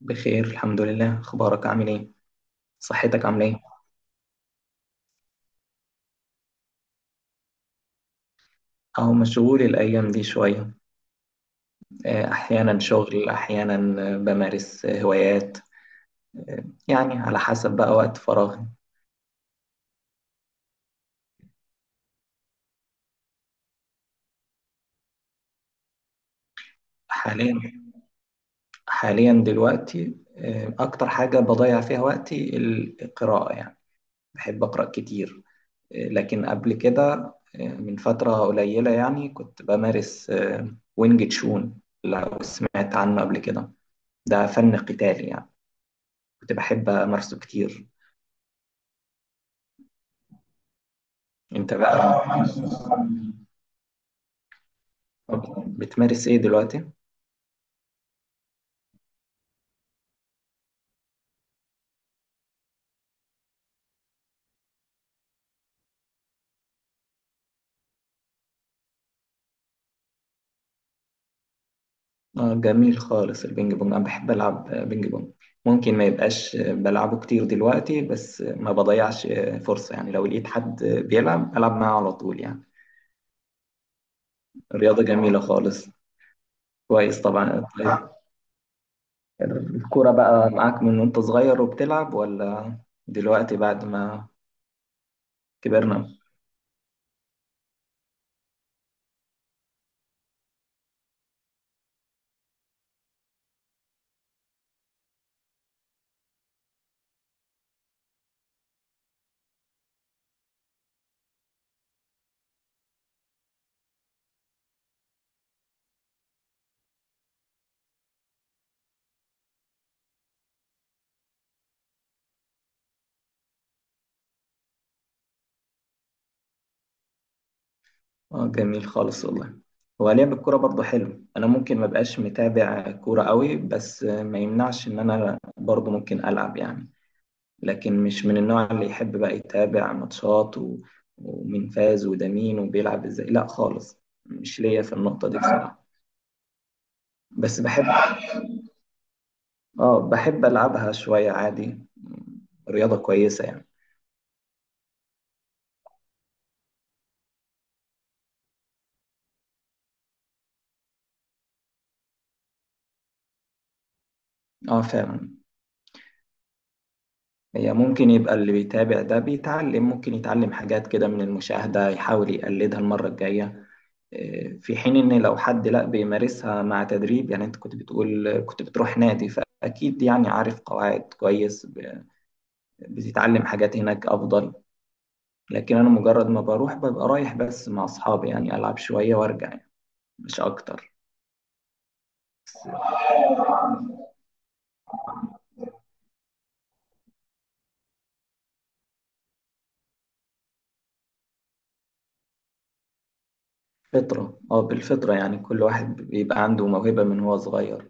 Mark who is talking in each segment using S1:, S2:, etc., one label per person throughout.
S1: بخير الحمد لله. اخبارك عامل ايه؟ صحتك عامله ايه؟ اهو مشغول الايام دي شويه. احيانا شغل احيانا. بمارس هوايات، يعني على حسب بقى وقت فراغي. حاليا حاليا دلوقتي اكتر حاجه بضيع فيها وقتي القراءه يعني. بحب اقرا كتير. لكن قبل كده، من فتره قليله يعني كنت بمارس وينج تشون. لو سمعت عنه قبل كده، ده فن قتالي يعني. كنت بحب امارسه كتير. انت بقى؟ أوكي. بتمارس ايه دلوقتي؟ اه، جميل خالص. البينج بونج، انا بحب العب بينج بونج. ممكن ما يبقاش بلعبه كتير دلوقتي بس ما بضيعش فرصة، يعني لو لقيت حد بيلعب العب معاه على طول يعني. رياضة جميلة خالص. كويس طبعا. طيب، الكورة بقى معاك من وانت صغير وبتلعب، ولا دلوقتي بعد ما كبرنا؟ اه، جميل خالص والله. هو لعب الكورة برضه حلو. انا ممكن ما بقاش متابع كورة قوي، بس ما يمنعش ان انا برضه ممكن العب يعني. لكن مش من النوع اللي يحب بقى يتابع ماتشات و... ومين فاز وده مين وبيلعب ازاي، لا خالص. مش ليا في النقطة دي بصراحة. بس بحب. اه بحب العبها شوية، عادي. رياضة كويسة يعني. اه فعلا. هي ممكن يبقى اللي بيتابع ده بيتعلم، ممكن يتعلم حاجات كده من المشاهدة، يحاول يقلدها المرة الجاية. في حين ان لو حد لا بيمارسها مع تدريب يعني، انت كنت بتقول كنت بتروح نادي، فاكيد يعني عارف قواعد كويس. بتتعلم حاجات هناك افضل. لكن انا مجرد ما بروح ببقى رايح بس مع اصحابي يعني، العب شوية وارجع يعني، مش اكتر. فطرة. اه، بالفطرة يعني، كل واحد بيبقى عنده موهبة من هو صغير.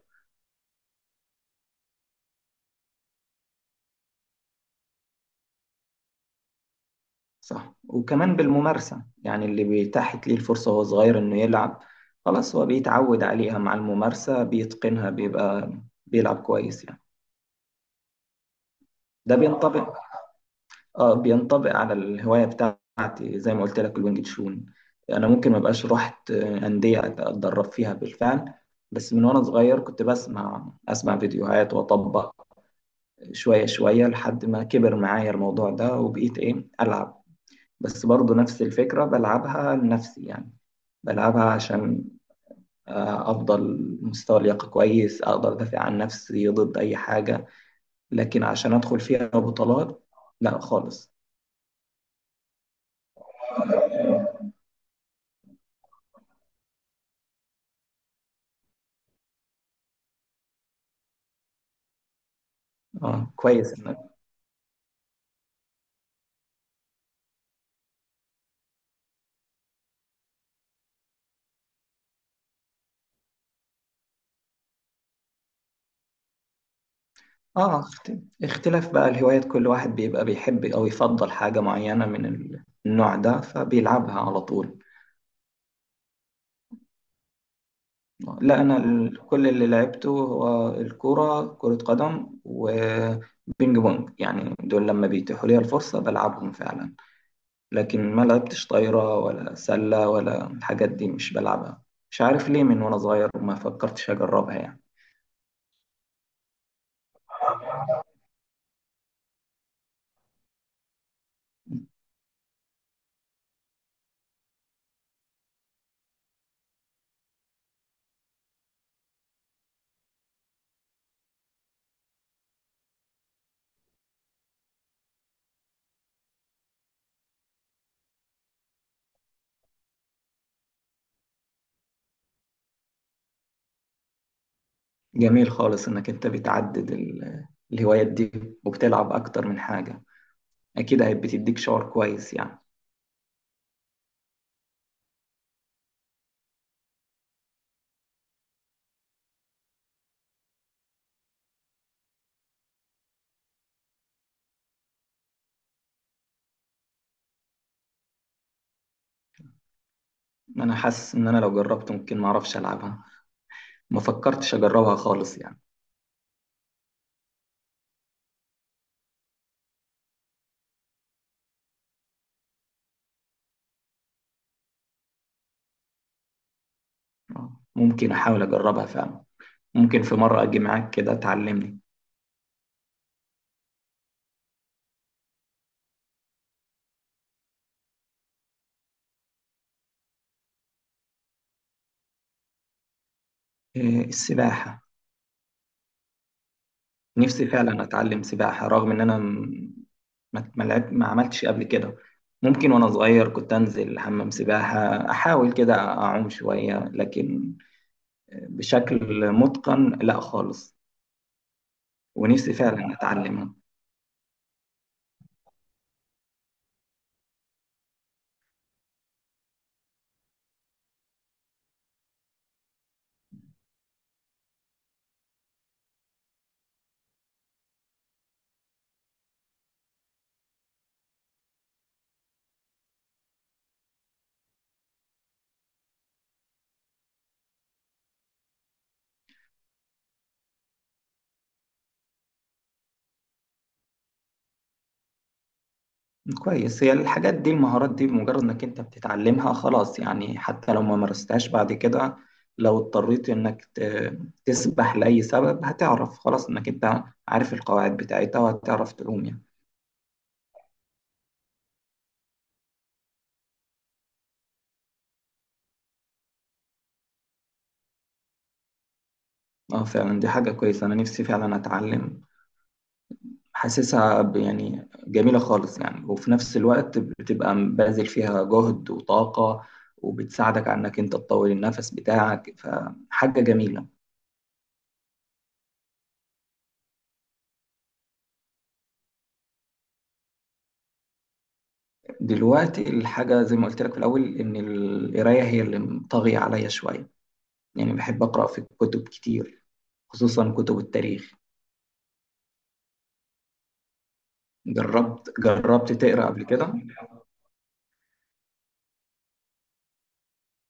S1: صح. وكمان بالممارسة يعني، اللي بيتاحت ليه الفرصة وهو صغير انه يلعب خلاص هو بيتعود عليها، مع الممارسة بيتقنها، بيبقى بيلعب كويس يعني. ده بينطبق. اه بينطبق على الهوايه بتاعتي زي ما قلت لك، الوينج تشون. انا ممكن ما بقاش رحت انديه اتدرب فيها بالفعل، بس من وانا صغير كنت بسمع فيديوهات واطبق شويه شويه، لحد ما كبر معايا الموضوع ده وبقيت ايه العب. بس برضه نفس الفكره، بلعبها لنفسي يعني. بلعبها عشان افضل مستوى لياقه كويس اقدر ادافع عن نفسي ضد اي حاجه. لكن عشان ادخل فيها بطولات، لا خالص. اه، كويس. اه اخت- اختلاف بقى الهوايات، كل واحد بيبقى بيحب او يفضل حاجة معينة من النوع ده، فبيلعبها على طول. لا، انا كل اللي لعبته هو كرة قدم وبينج بونج يعني. دول لما بيتيحوا لي الفرصة بلعبهم فعلا. لكن ما لعبتش طايرة ولا سلة ولا الحاجات دي، مش بلعبها. مش عارف ليه، من وانا صغير وما فكرتش اجربها يعني. جميل خالص انك انت بتعدد الهوايات دي، وبتلعب اكتر من حاجة. اكيد هي بتديك شعور كويس يعني. انا حاسس ان انا لو جربت ممكن ما اعرفش العبها. ما فكرتش اجربها خالص يعني. ممكن احاول اجربها فعلا. ممكن في مره اجي معاك كده تعلمني. إيه، السباحه. نفسي فعلا اتعلم سباحه. رغم ان انا ما عملتش قبل كده. ممكن وانا صغير كنت انزل حمام سباحه احاول كده اعوم شويه، لكن بشكل متقن لا خالص. ونفسي فعلا اتعلمها. كويس. هي الحاجات دي المهارات دي بمجرد انك انت بتتعلمها خلاص يعني، حتى لو ما مارستهاش بعد كده، لو اضطريت انك تسبح لأي سبب هتعرف خلاص انك انت عارف القواعد بتاعتها، وهتعرف تعوم يعني. اه فعلا، دي حاجة كويسة. انا نفسي فعلا اتعلم. حاسسها يعني جميلة خالص يعني، وفي نفس الوقت بتبقى باذل فيها جهد وطاقة، وبتساعدك على انك انت تطول النفس بتاعك، فحاجة جميلة. دلوقتي الحاجة زي ما قلت لك في الأول، إن القراية هي اللي طاغية عليا شوية يعني. بحب أقرأ في كتب كتير، خصوصا كتب التاريخ. جربت تقرأ قبل كده؟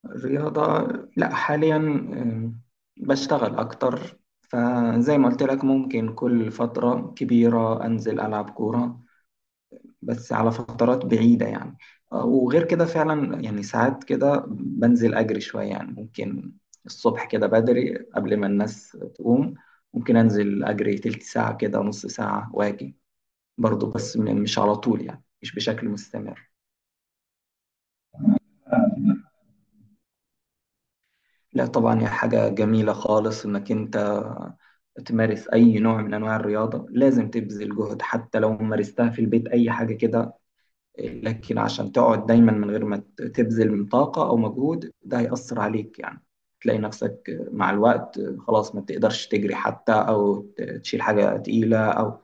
S1: الرياضة؟ لا، حاليا بشتغل أكتر. فزي ما قلت لك ممكن كل فترة كبيرة أنزل ألعب كورة، بس على فترات بعيدة يعني. وغير كده فعلا يعني، ساعات كده بنزل أجري شوية يعني. ممكن الصبح كده بدري قبل ما الناس تقوم، ممكن أنزل أجري تلت ساعة كده، نص ساعة، وأجي. برضه بس مش على طول يعني، مش بشكل مستمر. لا طبعا، هي حاجة جميلة خالص إنك أنت تمارس أي نوع من أنواع الرياضة. لازم تبذل جهد حتى لو مارستها في البيت، أي حاجة كده. لكن عشان تقعد دايما من غير ما تبذل من طاقة أو مجهود، ده هيأثر عليك يعني. تلاقي نفسك مع الوقت خلاص ما بتقدرش تجري حتى، أو تشيل حاجة تقيلة أو.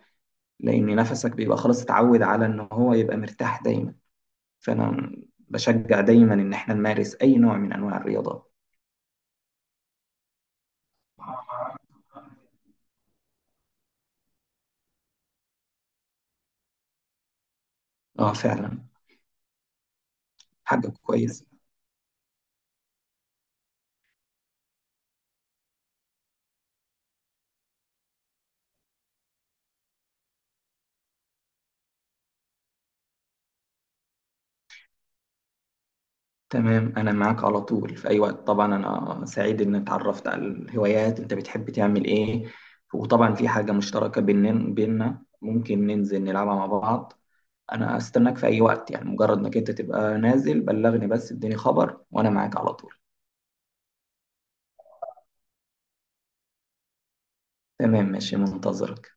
S1: لأن نفسك بيبقى خلاص اتعود على إن هو يبقى مرتاح دايما. فأنا بشجع دايما إن إحنا نمارس أي نوع من أنواع الرياضة. اه فعلا، حاجة كويسة. تمام، أنا معاك على طول في أي وقت طبعا. أنا سعيد إن اتعرفت على الهوايات أنت بتحب تعمل إيه. وطبعا في حاجة مشتركة بيننا ممكن ننزل نلعبها مع بعض. أنا أستناك في أي وقت يعني، مجرد إنك أنت تبقى نازل بلغني، بس اديني خبر وأنا معاك على طول. تمام ماشي، منتظرك.